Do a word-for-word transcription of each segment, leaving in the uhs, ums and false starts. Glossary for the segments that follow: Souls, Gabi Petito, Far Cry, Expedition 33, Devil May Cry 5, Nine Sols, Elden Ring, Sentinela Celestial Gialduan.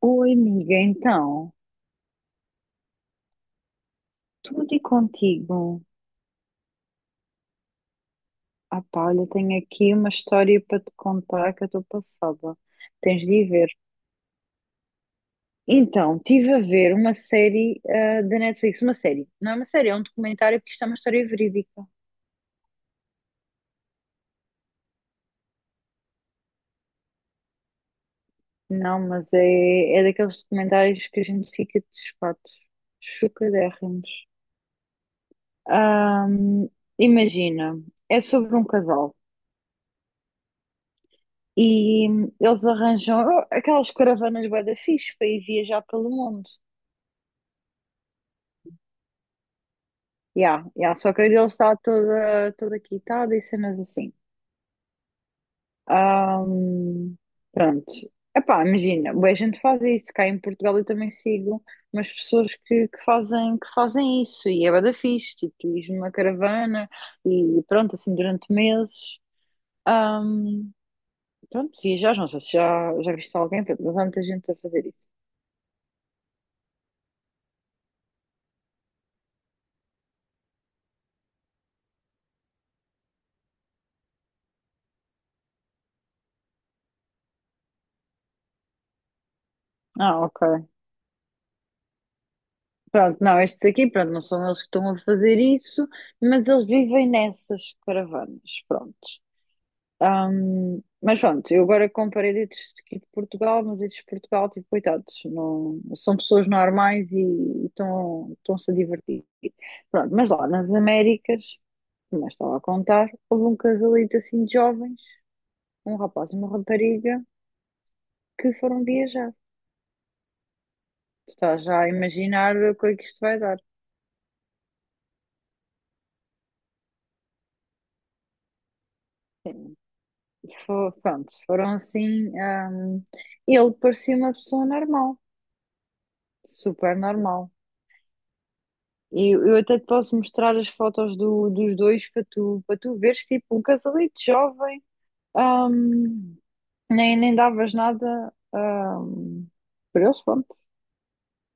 Oi, amiga, então, tudo e contigo? Ah, pá, olha, tenho aqui uma história para te contar que eu estou passada. Tens de ir ver. Então, estive a ver uma série ah, da Netflix, uma série. Não é uma série, é um documentário, porque isto é uma história verídica. Não, mas é, é daqueles documentários que a gente fica de espatos, chocadérrimos. Ahm, Imagina, é sobre um casal e eles arranjam oh, aquelas caravanas bué da fixe para ir viajar pelo mundo. Yeah, yeah. Só que a dele está toda, toda quitada e cenas assim. Ahm, pronto. Epá, imagina, bué gente faz isso, cá em Portugal eu também sigo umas pessoas que, que fazem, que fazem isso e é bué da fixe, tipo, tu ires numa caravana e pronto, assim durante meses. Ahm, pronto, viajas, não sei se já, já viste alguém, pronto, mas há muita gente a fazer isso. Ah, ok. Pronto, não, estes aqui, pronto, não são eles que estão a fazer isso, mas eles vivem nessas caravanas, pronto. Ahm, mas pronto, eu agora comparei dedos aqui de Portugal, mas estes de Portugal, tipo, coitados, não, são pessoas normais e estão, estão-se a divertir. Pronto, mas lá nas Américas, como eu estava a contar, houve um casalito assim de jovens, um rapaz e uma rapariga, que foram viajar. Tu Estás já a imaginar o que é que isto vai dar. Fo- Pronto, foram assim. ahm, ele parecia uma pessoa normal, super normal. E eu, eu até te posso mostrar as fotos do- dos dois para tu, para tu veres, tipo, um casalito jovem, ahm, nem, nem davas nada, ahm, por eles, pronto,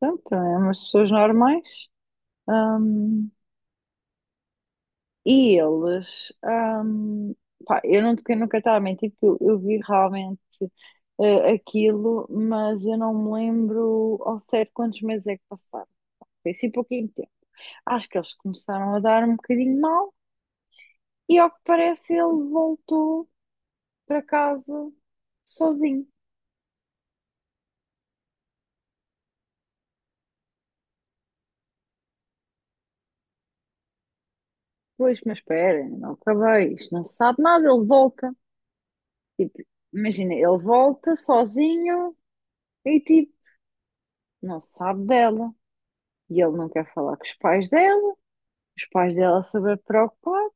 portanto, é umas pessoas normais. ahm, e eles, ahm, pá, eu não, eu nunca estava a mentir, porque eu, eu vi realmente eh, aquilo, mas eu não me lembro ao certo quantos meses é que passaram. Foi assim pouquinho tempo. Acho que eles começaram a dar um bocadinho mal. E ao que parece, ele voltou para casa sozinho. Pois, mas espera, ainda não acabei. Isto não se sabe nada. Ele volta. Tipo, imagina, ele volta sozinho e tipo, não se sabe dela. E ele não quer falar com os pais dela. Os pais dela super preocupados.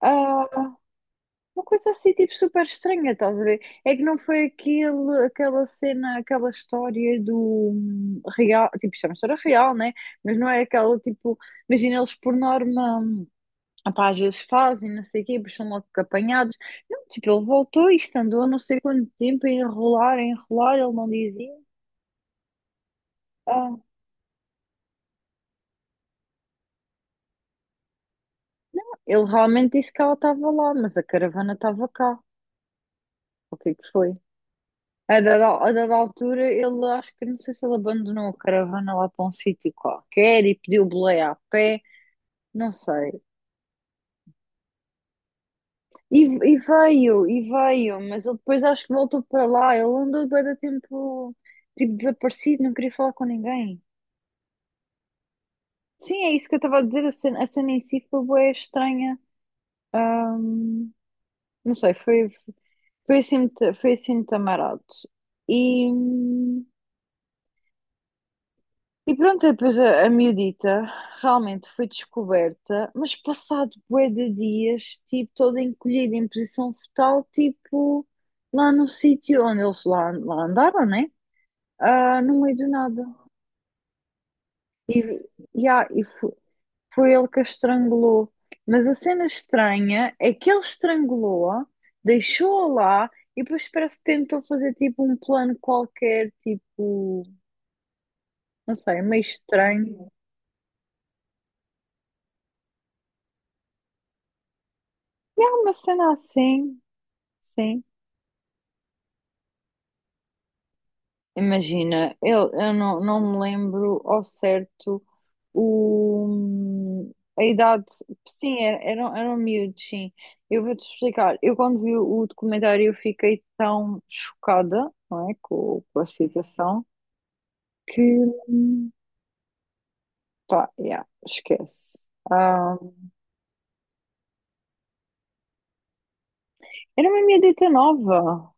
Ah, uma coisa assim, tipo, super estranha, estás a ver? É que não foi aquele, aquela cena, aquela história do hum, real, tipo, isto é uma história real, né? Mas não é aquela, tipo, imagina eles por norma. Ah pá, às vezes fazem, não sei o quê, depois são logo apanhados. Não, tipo, ele voltou e isto andou não sei quanto tempo a enrolar, a enrolar, ele não dizia. Ah, ele realmente disse que ela estava lá, mas a caravana estava cá. O que é que foi? A dada, a dada altura, ele acho que não sei se ele abandonou a caravana lá para um sítio qualquer e pediu boleia a pé, não sei. E, e veio, e veio, mas ele depois acho que voltou para lá. Ele andou bué de tempo, tipo, desaparecido, não queria falar com ninguém. Sim, é isso que eu estava a dizer. A cena, a cena em si foi bué estranha. Ahm, não sei, foi, foi assim muito, foi assim muito amarado. E, e pronto, depois a, a miudita realmente foi descoberta, mas passado bué de dias, tipo, toda encolhida em posição fetal, tipo, lá no sítio onde eles lá, lá andaram, né? Ah, no meio do nada. E, e, há- e, fo- Foi ele que a estrangulou. Mas a cena estranha é que ele estrangulou-a, deixou-a lá e depois parece que tentou fazer tipo um plano qualquer, tipo, não sei, meio estranho. E é uma cena assim, sim. Imagina, eu, eu não, não me lembro ao certo o, a idade. Sim, era- eram, eram miúdos, sim. Eu vou-te explicar. Eu, quando vi o documentário, eu fiquei tão chocada, não é, com, com a situação, que, pá, yeah, esquece. Ah, era uma miúdita nova.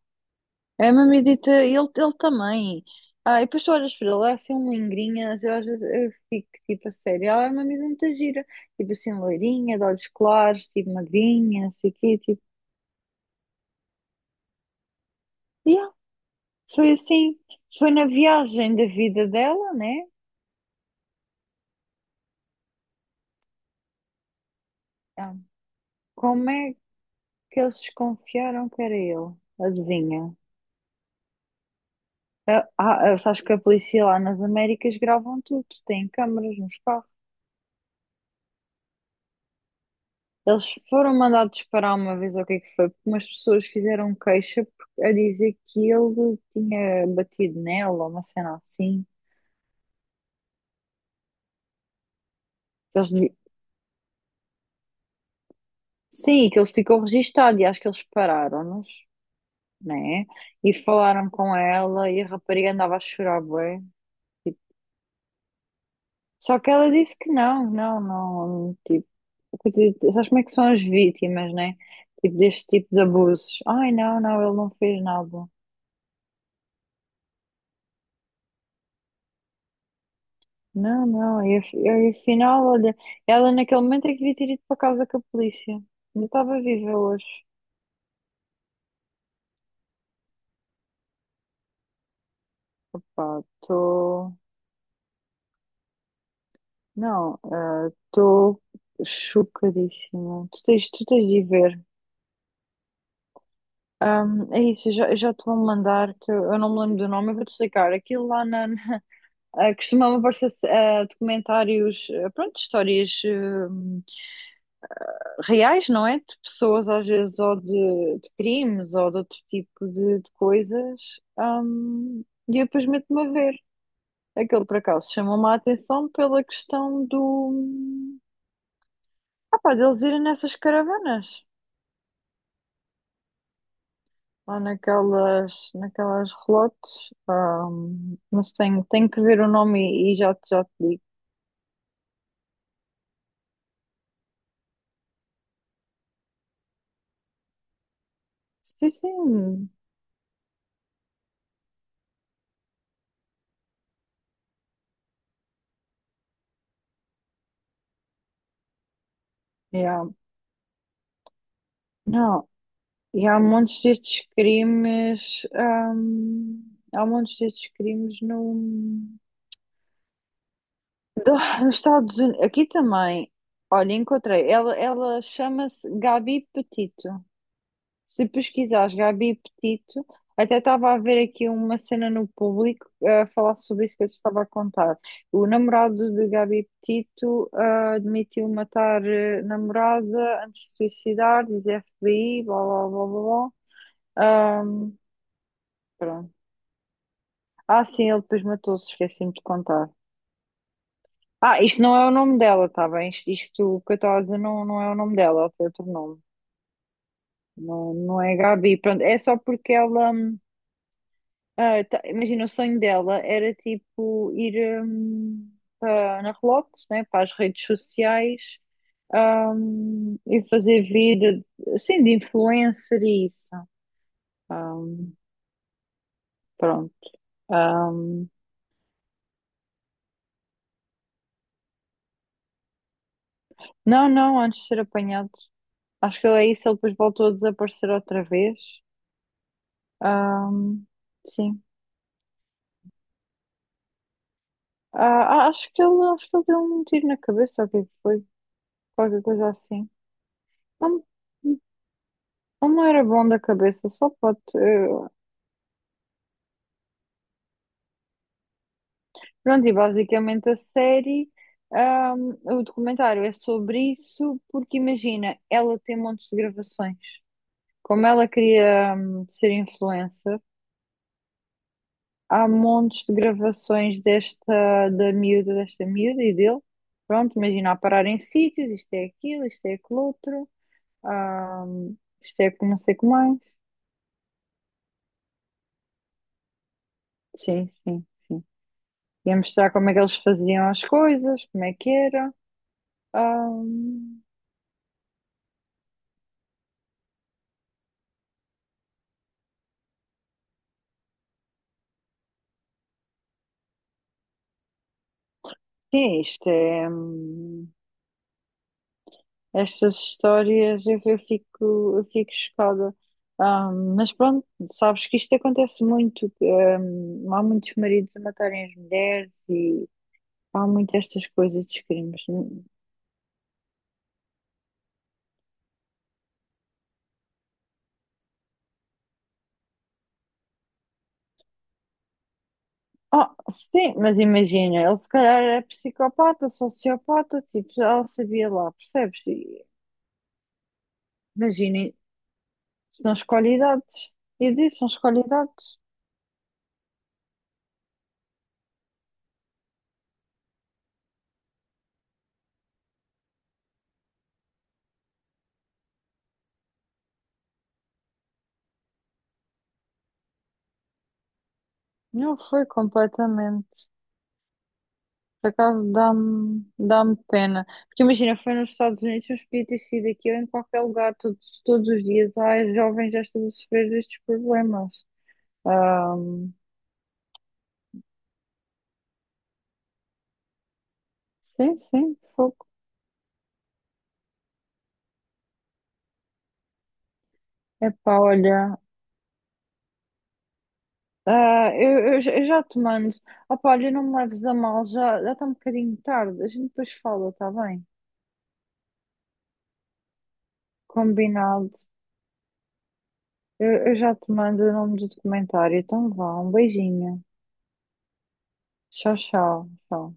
É uma medita, ele, ele também. Ah, e depois tu olhas para ele, é assim um lingrinhas, eu às vezes eu fico tipo a sério, ela é uma amiga muito gira, tipo assim, loirinha, de olhos claros, tipo magrinha, não sei o quê, tipo, yeah, foi assim, foi na viagem da vida dela, né? Ah, como é que eles desconfiaram que era ele? Adivinha? Ah, ah, sabes que a polícia lá nas Américas gravam tudo, têm câmaras nos carros. Eles foram mandados parar uma vez, ou o que é que foi? Porque umas pessoas fizeram queixa por- a dizer que ele tinha batido nela, ou uma cena assim. Que Eles, lhe- sim, que ele ficou registado e acho que eles pararam-nos, né? E falaram com ela e a rapariga andava a chorar bué, tipo. Só que ela disse que não, não, não. Tipo, que tu- sabes como é que são as vítimas, né? Tipo, deste tipo de abusos. Ai, não, não, ele não fez nada. Não, não, e, af- e afinal, olha, ela naquele momento é que devia ter ido para casa com a polícia. Não estava viva hoje. Pá, estou. Não, ah, estou chocadíssima. Tu tens, tu tens de ir ver. Ahm, é isso, eu já, eu já te vou mandar, que eu eu não me lembro do nome, eu vou-te explicar. Aquilo lá na. na- ah, costumava aparecer ah, documentários, ah, pronto, histórias, ah, reais, não é? De pessoas, às vezes, ou de, de crimes, ou de outro tipo de, de coisas. hum, e eu depois meto-me a ver. Aquele, por acaso, chamou-me a atenção pela questão do... Ah pá, deles irem nessas caravanas. Ou naquelas, naquelas relotes. hum, mas tenho, tenho que ver o nome e, e já, te- já te digo. Sim, sim. Yeah. Não, e há montes destes crimes, hum, há montes destes crimes no, do- nos Estados Unidos. Aqui também. Olha, encontrei. Ela, ela chama-se Gabi Petito. Se pesquisares Gabi Petito, até estava a ver aqui uma cena no público a falar sobre isso que eu te estava a contar. O namorado de Gabi Petito ah, admitiu matar eh, namorada antes de suicidar, diz F B I, blá blá blá blá. blá. Hum, pronto. Ah, sim, ele depois matou-se, esqueci-me de contar. Ah, isto não é o nome dela, tá bem? Isto, isto que eu estava a dizer não, não é o nome dela, ela tem outro nome. Não, não é Gabi, pronto. É só porque ela. hum, ah, tá- imagina, o sonho dela era tipo ir hum, para, na Relotes, né, para as redes sociais hum, e fazer vida assim de influencer e isso. Hum, pronto. Hum, não, não, antes de ser apanhado. Acho que é isso, ele depois voltou a desaparecer outra vez. Ahm, sim. Ah, ah, acho que ele, acho que ele deu um tiro na cabeça, ou o que é que foi? Qualquer coisa assim. Não, não era bom da cabeça, só pode. eh, Pronto, e basicamente a série, ahm, o documentário é sobre isso, porque imagina, ela tem montes de gravações. Como ela queria, hum, ser influencer, há montes de gravações desta, da miúda, desta miúda e dele. Pronto, imagina a parar em sítios, isto é aquilo, isto é aquilo outro, ahm, isto é não sei o que mais. Sim, sim, sim. Ia mostrar como é que eles faziam as coisas, como é que era. Ahm, sim, isto é. hum, estas histórias eu, eu fico, eu fico chocada. Ahm, mas pronto, sabes que isto acontece muito. Que, ahm, há muitos maridos a matarem as mulheres. Há muitas estas coisas dos crimes. Ah, sim, mas imagina, ele se calhar é psicopata, sociopata, tipo, já o sabia lá, percebes? E imaginem, se não escolhe idades. E disse, não escolhe idades. Não foi completamente. Por acaso dá-me dá-me pena. Porque imagina, foi nos Estados Unidos, mas podia ter sido aquilo em qualquer lugar, todos, todos os dias. Ai, os jovens já estão a sofrer destes problemas. Ahm, sim, sim, fogo. Epá, olha. Ah, eu, eu já eu já te mando. Opa, olha, não me leves a mal, já, já está um bocadinho tarde. A gente depois fala, está bem? Combinado. Eu, eu já te mando o nome do documentário. Então vá, um beijinho. Tchau, tchau, tchau.